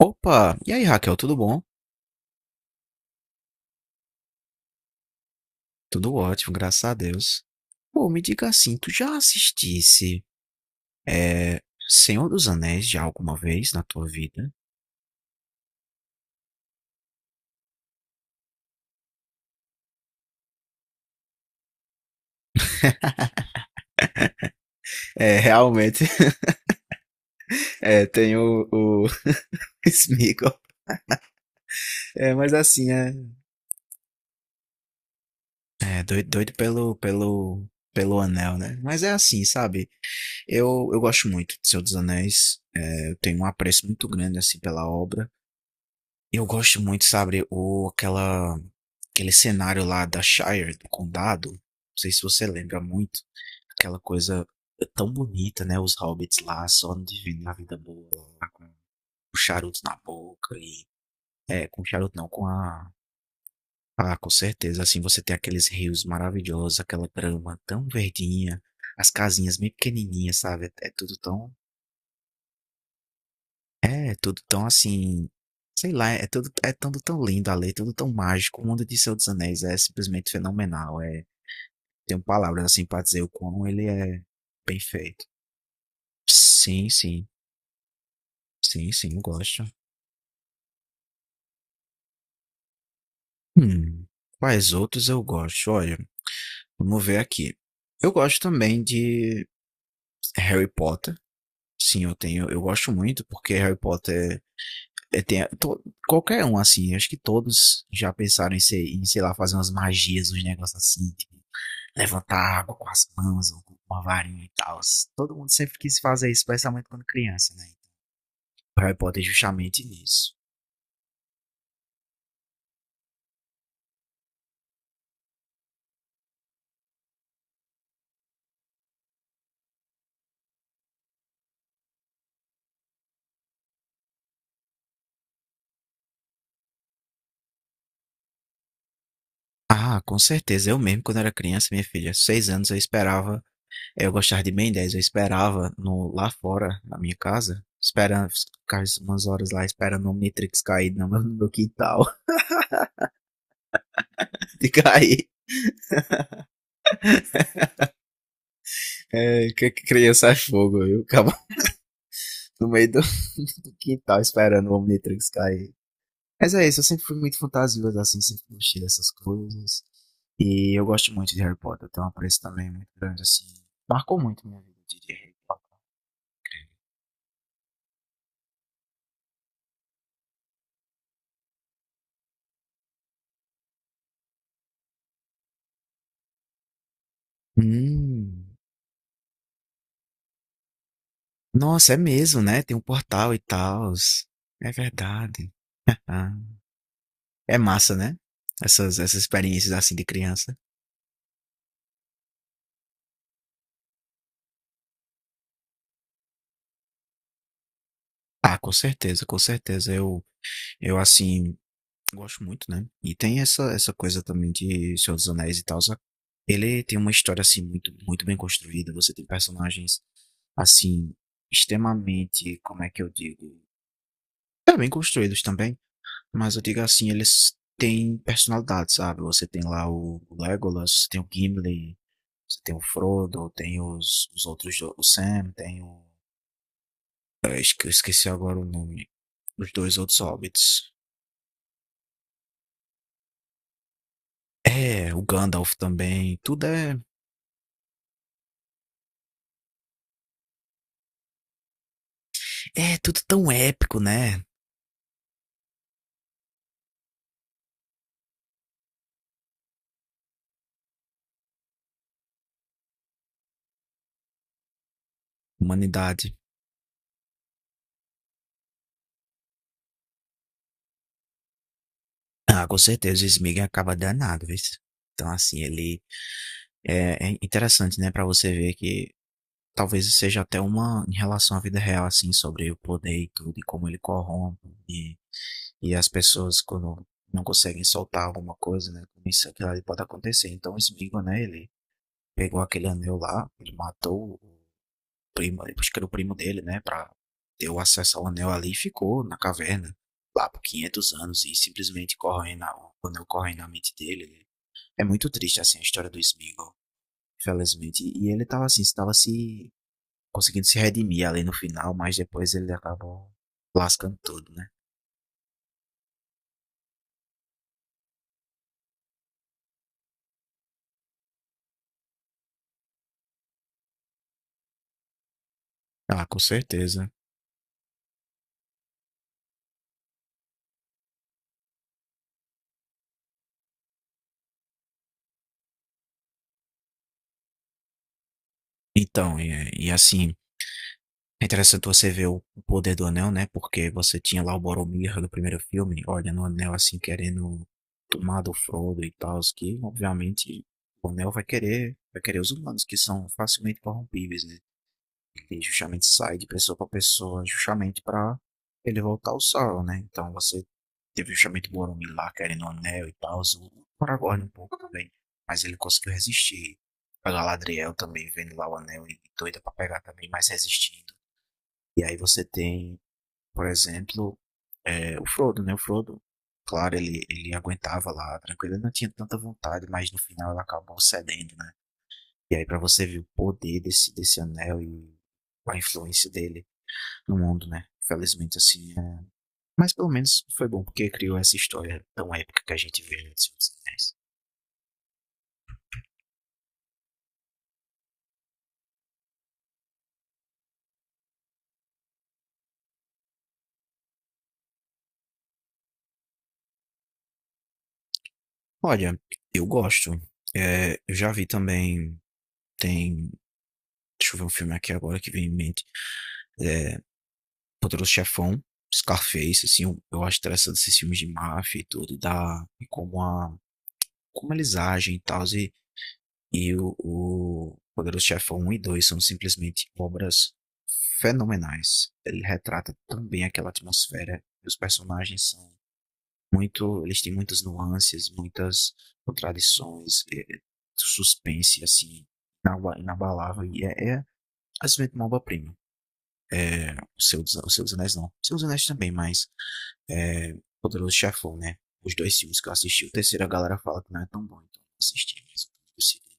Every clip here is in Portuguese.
Opa! E aí, Raquel, tudo bom? Tudo ótimo, graças a Deus. Pô, me diga assim, tu já assistisse é, Senhor dos Anéis já alguma vez na tua vida? É, realmente, é, tem o Sméagol. É, mas assim, é doido, pelo anel, né? Mas é assim, sabe? Eu gosto muito de Senhor dos Anéis. É, eu tenho um apreço muito grande, assim, pela obra. Eu gosto muito, sabe, aquele cenário lá da Shire, do condado. Não sei se você lembra muito. Aquela coisa tão bonita, né? Os hobbits lá, só vivendo a vida boa, lá, com o charuto na boca e. É, com o charuto não, com a. Ah, com certeza. Assim, você tem aqueles rios maravilhosos, aquela grama tão verdinha, as casinhas bem pequenininhas, sabe? É tudo tão. É, tudo tão assim, sei lá, é tudo tão lindo ali, é tudo tão mágico. O mundo de Senhor dos Anéis é simplesmente fenomenal, tenho palavras, assim, pra dizer o quão ele é bem feito. Sim, sim. Sim, sim, eu gosto. Hum, quais outros eu gosto? Olha, vamos ver aqui. Eu gosto também de Harry Potter. Sim, eu gosto muito, porque Harry Potter, é é, tem to qualquer um, assim, acho que todos já pensaram em ser sei lá, fazer umas magias, uns negócios assim, tipo levantar água com as mãos ou com uma varinha e tal. Todo mundo sempre quis fazer isso, especialmente quando criança, né? O Harry Potter é justamente nisso. Ah, com certeza. Eu mesmo, quando era criança, minha filha, aos seis anos, eu esperava. Eu gostava de Ben 10, eu esperava no, lá fora, na minha casa, esperando, ficar umas horas lá esperando o Omnitrix cair no meu quintal. De cair. É, que criança é fogo, eu acabo no meio do, do quintal esperando o Omnitrix cair. Mas é isso, eu sempre fui muito fantasioso, assim, sempre gostei dessas coisas. E eu gosto muito de Harry Potter, eu tenho um apreço também muito grande, assim. Marcou muito minha vida, eu diria Harry Potter. Hum. Nossa, é mesmo, né? Tem um portal e tal. É verdade. Ah, é massa, né? Essas experiências assim de criança. Ah, com certeza, com certeza. Eu assim, gosto muito, né? E tem essa coisa também de Senhor dos Anéis e tal. Ele tem uma história assim muito, muito bem construída. Você tem personagens assim, extremamente, como é que eu digo? É bem construídos também, mas eu digo assim, eles têm personalidade, sabe? Você tem lá o Legolas, tem o Gimli, você tem o Frodo, tem os outros, o Sam, tem o. Eu esqueci agora o nome. Os dois outros hobbits. É, o Gandalf também. Tudo é. É, tudo tão épico, né? Humanidade. Ah, com certeza o Smeagol acaba danado, viu? Então, assim, ele. É, é interessante, né? Pra você ver que talvez seja até uma em relação à vida real, assim, sobre o poder e tudo, e como ele corrompe, e as pessoas quando não conseguem soltar alguma coisa, né? Como isso aquilo ali pode acontecer. Então, o Smigo, né? Ele pegou aquele anel lá, ele matou o primo, acho que era o primo dele, né? Pra ter o acesso ao anel ali e ficou na caverna lá por 500 anos e simplesmente corre na, o anel corre na mente dele, né. É muito triste, assim, a história do Smigo, infelizmente. E ele tava assim, estava se conseguindo se redimir ali no final, mas depois ele acabou lascando tudo, né? Ah, com certeza. Então, e assim, é interessante você ver o poder do anel, né? Porque você tinha lá o Boromir do primeiro filme, olha no anel assim, querendo tomar do Frodo e tal, que obviamente o anel vai querer os humanos que são facilmente corrompíveis, né? Ele justamente sai de pessoa para pessoa, justamente para ele voltar ao Sauron, né? Então você teve justamente Boromir lá querendo o anel e tal, o Aragorn um pouco também, mas ele conseguiu resistir. A Galadriel também vendo lá o anel e doida para pegar também, mas resistindo. E aí você tem, por exemplo, o Frodo, né? O Frodo, claro, ele aguentava lá tranquilo, ele não tinha tanta vontade, mas no final ela acabou cedendo, né? E aí para você ver o poder desse anel e a influência dele no mundo, né? Felizmente, assim. É... Mas pelo menos foi bom porque criou essa história tão épica que a gente vê no Senhor dos Anéis. Olha, eu gosto. É, eu já vi também. Tem. Deixa eu ver um filme aqui agora que vem em mente. É, Poderoso Chefão, Scarface, assim. Eu acho interessante esses filmes de máfia e tudo, e da. E como a. Como eles agem e tal. E o Poderoso Chefão um e 2 são simplesmente obras fenomenais. Ele retrata tão bem aquela atmosfera. Os personagens são muito. Eles têm muitas nuances, muitas contradições, é, suspense, assim, inabalável. É simplesmente uma obra-prima. O Seu dos Anéis não. O Seu dos Anéis também, mas. É, Poderoso Chefão, né? Os dois filmes que eu assisti. O terceiro a galera fala que não é tão bom, então não assisti. Mas eu decidi,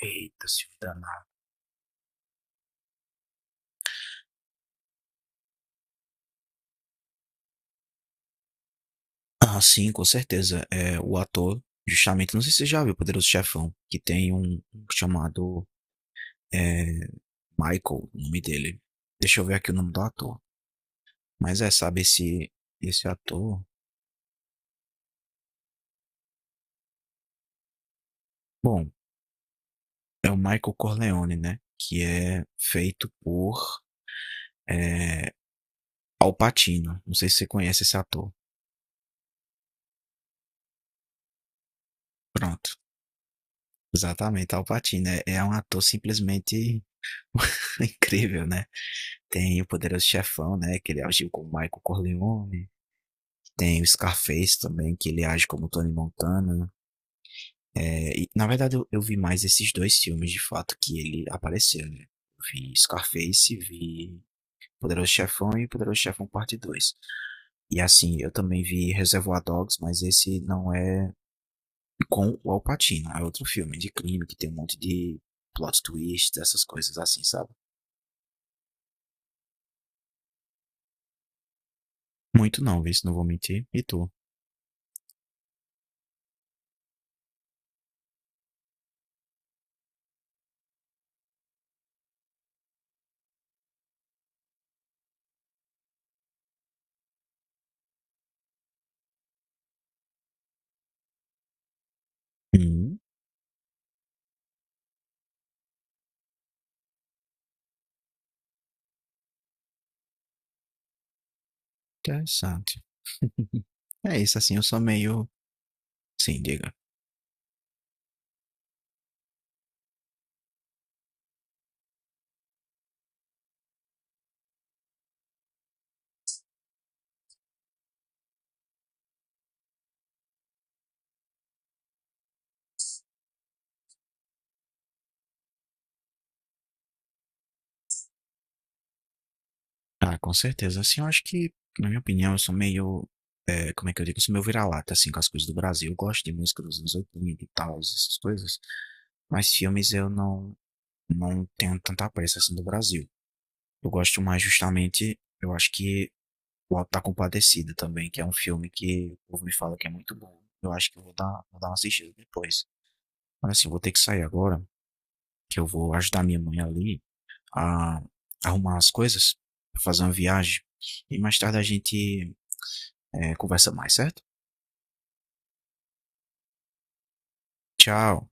eita, filme danado. Ah, sim, com certeza. É, o ator, justamente, não sei se você já viu Poderoso Chefão, que tem um chamado é, Michael, o nome dele. Deixa eu ver aqui o nome do ator. Mas é, sabe, esse ator. Bom, é o Michael Corleone, né? Que é feito por é, Al Pacino. Não sei se você conhece esse ator. Pronto. Exatamente, Al Pacino. É, é um ator simplesmente incrível, né? Tem o Poderoso Chefão, né? Que ele agiu com o Michael Corleone. Tem o Scarface também, que ele age como Tony Montana. É, e, na verdade, eu vi mais esses dois filmes, de fato, que ele apareceu, né? Eu vi Scarface, vi Poderoso Chefão e Poderoso Chefão Parte Dois. E assim, eu também vi Reservoir Dogs, mas esse não é com o Al Pacino. É outro filme de crime que tem um monte de plot twist, essas coisas assim, sabe? Muito não, viu? Não vou mentir. E tu? Hum, interessante. É isso, assim, eu sou meio... Sim, diga. Ah, com certeza. Assim, eu acho que, na minha opinião, eu sou meio, como é que eu digo? Eu sou meio vira-lata, assim, com as coisas do Brasil. Eu gosto de música dos anos 80 e tal, essas coisas. Mas filmes eu não, não tenho tanta pressa, assim, do Brasil. Eu gosto mais, justamente, eu acho que o Auto da Compadecida também, que é um filme que o povo me fala que é muito bom. Eu acho que eu vou dar uma assistida depois. Mas, assim, eu vou ter que sair agora, que eu vou ajudar minha mãe ali a arrumar as coisas, fazer uma viagem. E mais tarde a gente conversa mais, certo? Tchau.